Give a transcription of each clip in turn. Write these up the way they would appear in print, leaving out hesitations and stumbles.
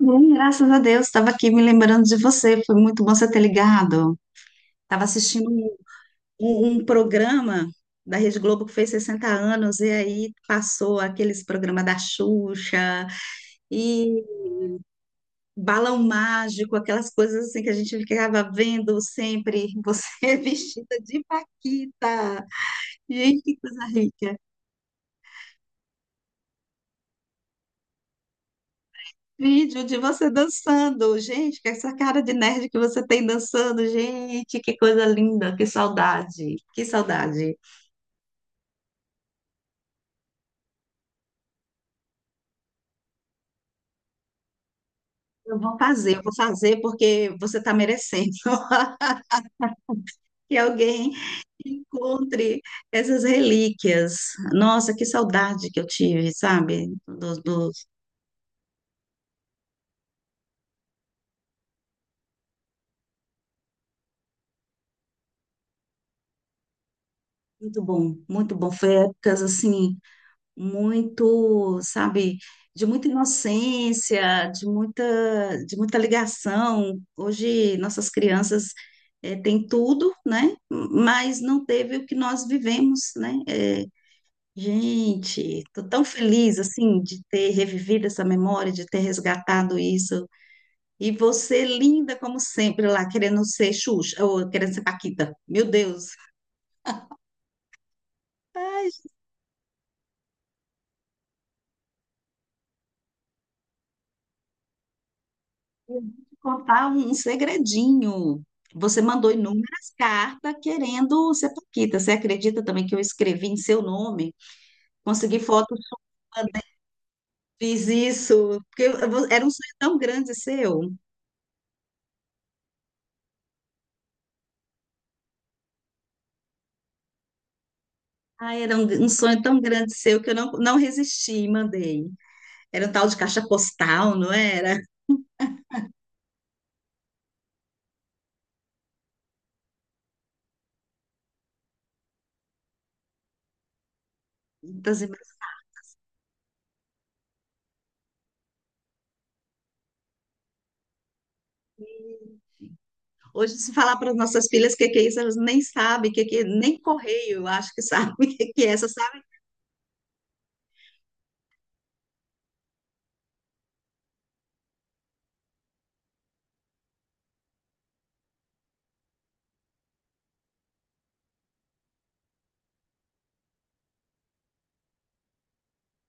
Bom, graças a Deus, estava aqui me lembrando de você. Foi muito bom você ter ligado. Estava assistindo um programa da Rede Globo que fez 60 anos, e aí passou aqueles programas da Xuxa e Balão Mágico, aquelas coisas assim que a gente ficava vendo sempre, você vestida de Paquita. Gente, que coisa rica. Vídeo de você dançando. Gente, que é essa cara de nerd que você tem dançando. Gente, que coisa linda, que saudade, que saudade. Eu vou fazer porque você está merecendo que alguém encontre essas relíquias. Nossa, que saudade que eu tive, sabe? Muito bom, muito bom. Foi épocas assim muito, sabe, de muita inocência, de muita ligação. Hoje nossas crianças têm tudo, né? Mas não teve o que nós vivemos, né? Gente, estou tão feliz assim de ter revivido essa memória, de ter resgatado isso. E você linda como sempre lá, querendo ser Xuxa, ou querendo ser Paquita. Meu Deus. Contar um segredinho. Você mandou inúmeras cartas querendo ser Paquita. Você acredita também que eu escrevi em seu nome? Consegui fotos, fiz isso. Porque era um sonho tão grande seu. Ah, era um sonho tão grande seu que eu não resisti e mandei. Era um tal de caixa postal, não era? Muitas Hoje, se falar para as nossas filhas o que que é isso, elas nem sabem, nem correio, eu acho que sabem o que que é, só sabem.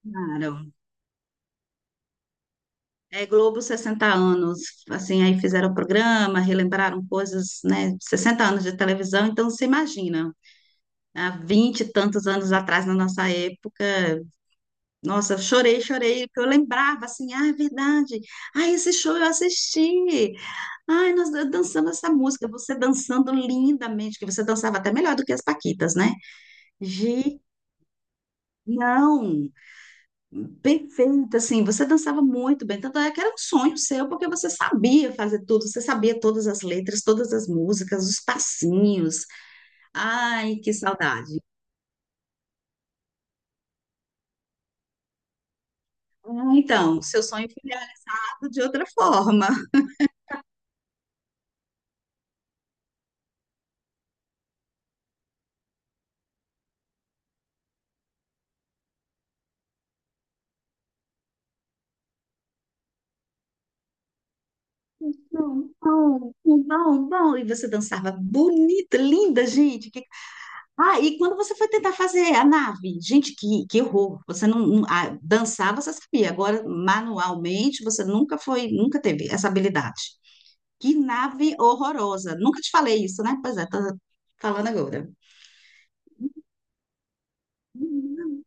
Claro. É Globo 60 anos, assim, aí fizeram o programa, relembraram coisas, né, sessenta anos de televisão, então você imagina, há 20 e tantos anos atrás, na nossa época. Nossa, eu chorei, chorei, porque eu lembrava assim, ah, é verdade. Ah, esse show eu assisti. Ai, nós dançamos essa música, você dançando lindamente, que você dançava até melhor do que as Paquitas, né? Gi, não, perfeito, assim, você dançava muito bem, tanto é que era um sonho seu, porque você sabia fazer tudo, você sabia todas as letras, todas as músicas, os passinhos. Ai, que saudade. Então, seu sonho foi realizado de outra forma. Bom, bom, bom, bom. E você dançava bonita, linda, gente. Ah, e quando você foi tentar fazer a nave? Gente, que horror. Você dançar, você sabia. Agora, manualmente, você nunca foi, nunca teve essa habilidade. Que nave horrorosa. Nunca te falei isso, né? Pois é, tô falando agora. Muito,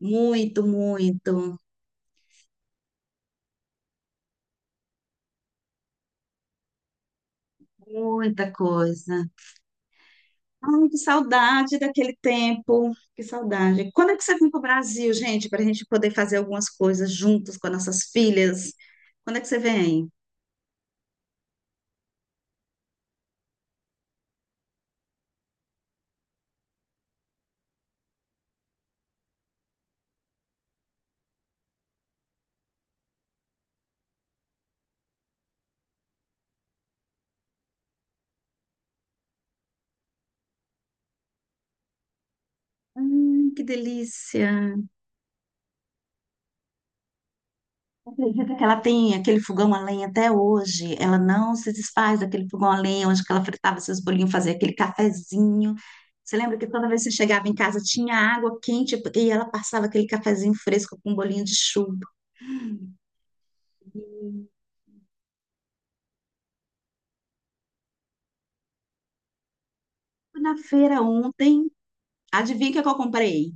muito, muito, muita coisa. Ai, que saudade daquele tempo, que saudade. Quando é que você vem para o Brasil, gente, para a gente poder fazer algumas coisas juntos com as nossas filhas? Quando é que você vem? Que delícia. Acredita que ela tem aquele fogão a lenha até hoje. Ela não se desfaz daquele fogão a lenha onde que ela fritava seus bolinhos, fazia aquele cafezinho. Você lembra que toda vez que você chegava em casa tinha água quente e ela passava aquele cafezinho fresco com um bolinho de chuva. Fui na feira ontem, adivinha o que é que eu comprei?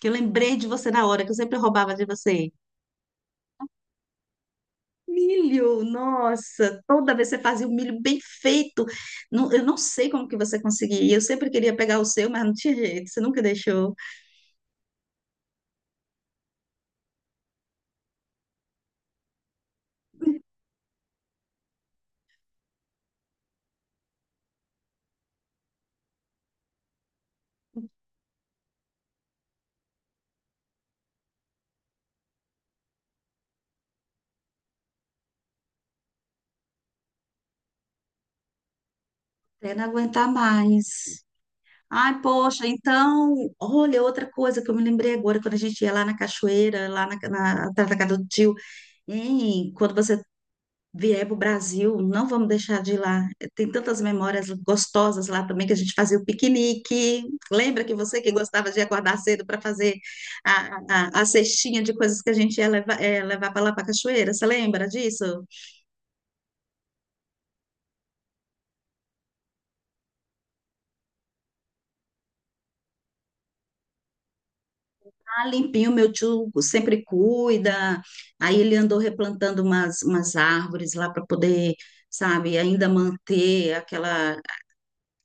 Que eu lembrei de você na hora, que eu sempre roubava de você. Milho, nossa, toda vez você fazia o milho bem feito. Eu não sei como que você conseguia. Eu sempre queria pegar o seu, mas não tinha jeito, você nunca deixou. Até não aguentar mais. Ai, poxa, então, olha, outra coisa que eu me lembrei agora, quando a gente ia lá na cachoeira, lá na, atrás da casa do tio, hein, quando você vier para o Brasil, não vamos deixar de ir lá. Tem tantas memórias gostosas lá também que a gente fazia o piquenique. Lembra que você que gostava de acordar cedo para fazer a cestinha de coisas que a gente ia levar para lá para a cachoeira? Você lembra disso? Ah, limpinho, meu tio sempre cuida. Aí ele andou replantando umas árvores lá para poder, sabe, ainda manter aquela,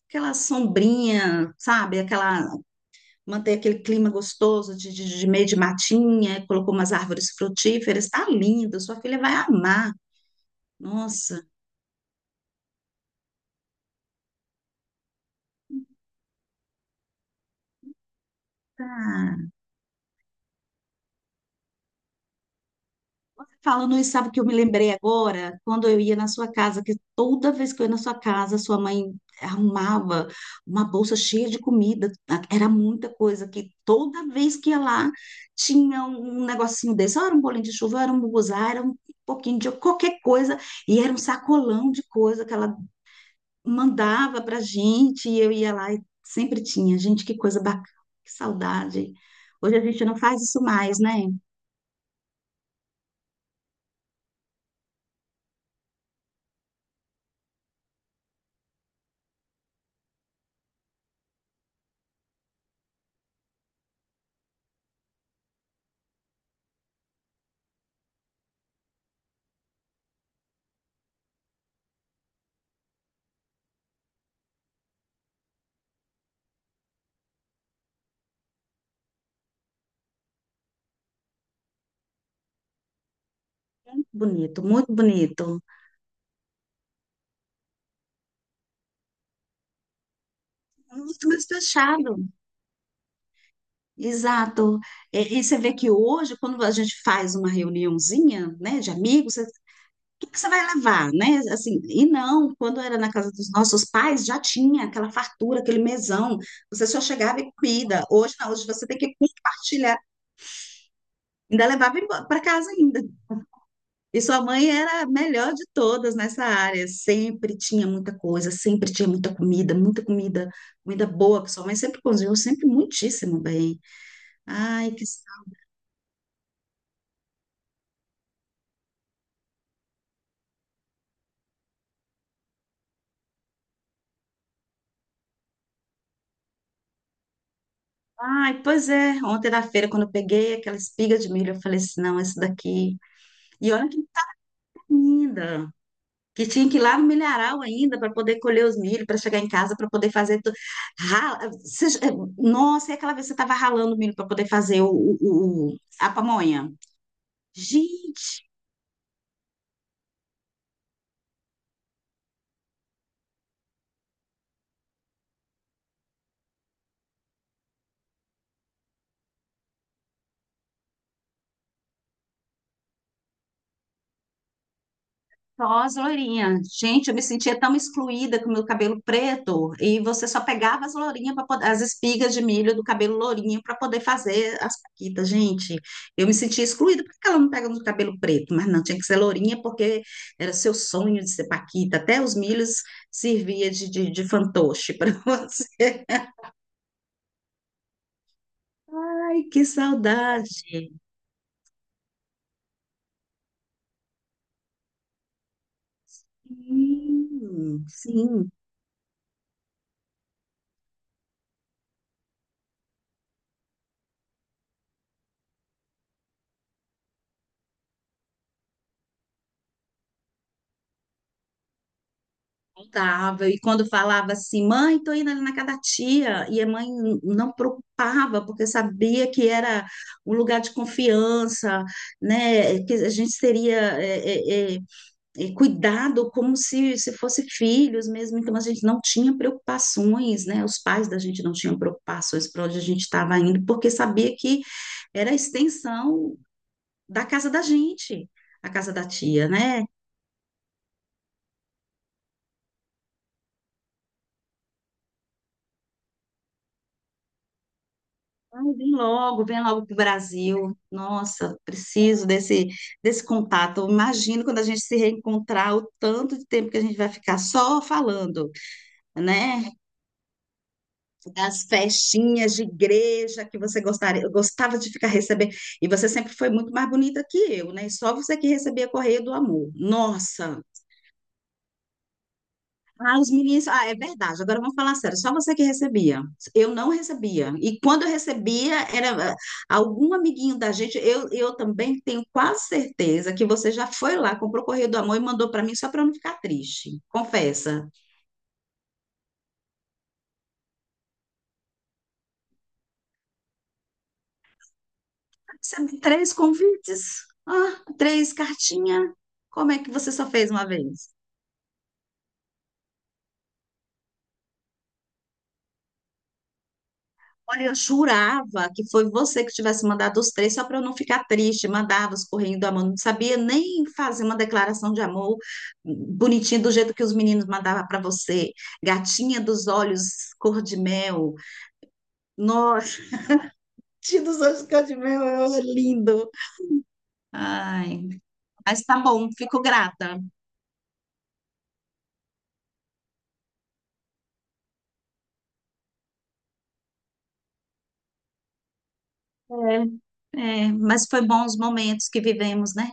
aquela sombrinha, sabe, aquela manter aquele clima gostoso de meio de matinha, colocou umas árvores frutíferas, tá lindo, sua filha vai amar. Nossa, tá. Falando isso, sabe o que eu me lembrei agora? Quando eu ia na sua casa, que toda vez que eu ia na sua casa, sua mãe arrumava uma bolsa cheia de comida, era muita coisa, que toda vez que ia lá, tinha um negocinho desse, ou era um bolinho de chuva, ou era um buguzá, era um pouquinho de qualquer coisa, e era um sacolão de coisa que ela mandava pra gente e eu ia lá e sempre tinha. Gente, que coisa bacana, que saudade. Hoje a gente não faz isso mais, né? Muito bonito, muito bonito. Muito mais fechado. Exato. É, e, você vê que hoje, quando a gente faz uma reuniãozinha, né, de amigos, o que que você vai levar, né? Assim, e não, quando era na casa dos nossos pais, já tinha aquela fartura, aquele mesão. Você só chegava e comida. Hoje não, hoje você tem que compartilhar. Ainda levava para casa ainda. E sua mãe era a melhor de todas nessa área, sempre tinha muita coisa, sempre tinha muita comida, comida boa, que sua mãe sempre cozinhou, sempre muitíssimo bem. Ai, que. sa- Ai, pois é, ontem na feira, quando eu peguei aquela espiga de milho, eu falei assim: não, esse daqui. E olha que linda, que tinha que ir lá no milharal ainda para poder colher os milho, para chegar em casa, para poder fazer tudo. Rala... Você- Nossa, e aquela vez você estava ralando o milho para poder fazer a pamonha? Gente, pós loirinha. Gente, eu me sentia tão excluída com o meu cabelo preto. E você só pegava as lourinhas para poder, as espigas de milho do cabelo lourinho para poder fazer as paquitas. Gente, eu me sentia excluída. Por que ela não pega no cabelo preto? Mas não, tinha que ser lourinha porque era seu sonho de ser paquita. Até os milhos servia de fantoche para você. Ai, que saudade. Sim. Contava, e quando falava assim, mãe, tô indo ali na casa da tia, e a mãe não preocupava, porque sabia que era um lugar de confiança, né, que a gente teria cuidado como se fosse filhos mesmo, então a gente não tinha preocupações, né, os pais da gente não tinham preocupações para onde a gente estava indo, porque sabia que era a extensão da casa da gente, a casa da tia, né. Ai, vem logo para o Brasil. Nossa, preciso desse contato. Eu imagino quando a gente se reencontrar, o tanto de tempo que a gente vai ficar só falando, né? Das festinhas de igreja que você gostaria, eu gostava de ficar recebendo. E você sempre foi muito mais bonita que eu, né? Só você que recebia correio do amor. Nossa! Ah, os meninos. Ah, é verdade. Agora vamos falar sério. Só você que recebia. Eu não recebia. E quando eu recebia, era algum amiguinho da gente. Eu também tenho quase certeza que você já foi lá, comprou o Correio do Amor e mandou para mim só para eu não ficar triste. Confessa. Recebi três convites. Ah, três cartinhas. Como é que você só fez uma vez? Olha, eu jurava que foi você que tivesse mandado os três só para eu não ficar triste. Mandava os correndo da mão, não sabia nem fazer uma declaração de amor bonitinha do jeito que os meninos mandavam para você. Gatinha dos olhos cor de mel. Nossa, gatinha dos olhos cor de mel é lindo. Ai, mas tá bom, fico grata. É, é, mas foi bom os momentos que vivemos, né?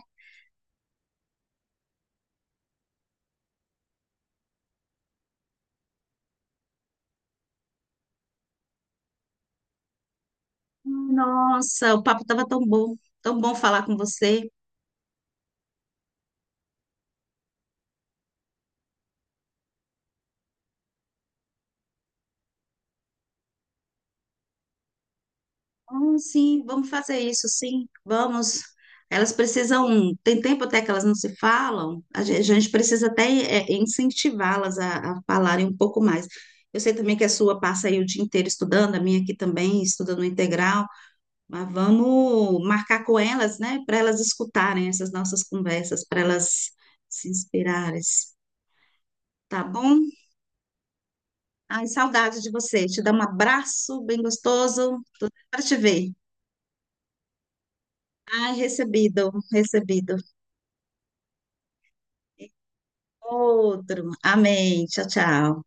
Nossa, o papo estava tão bom falar com você. Ah, sim, vamos fazer isso, sim, vamos. Elas precisam, tem tempo até que elas não se falam, a gente, precisa até incentivá-las a falarem um pouco mais. Eu sei também que a sua passa aí o dia inteiro estudando, a minha aqui também, estuda no integral, mas vamos marcar com elas, né, para elas escutarem essas nossas conversas, para elas se inspirarem, tá bom? Ai, saudade de você, te dá um abraço bem gostoso, tô para te ver. Ai, recebido, recebido. Outro. Amém. Tchau, tchau.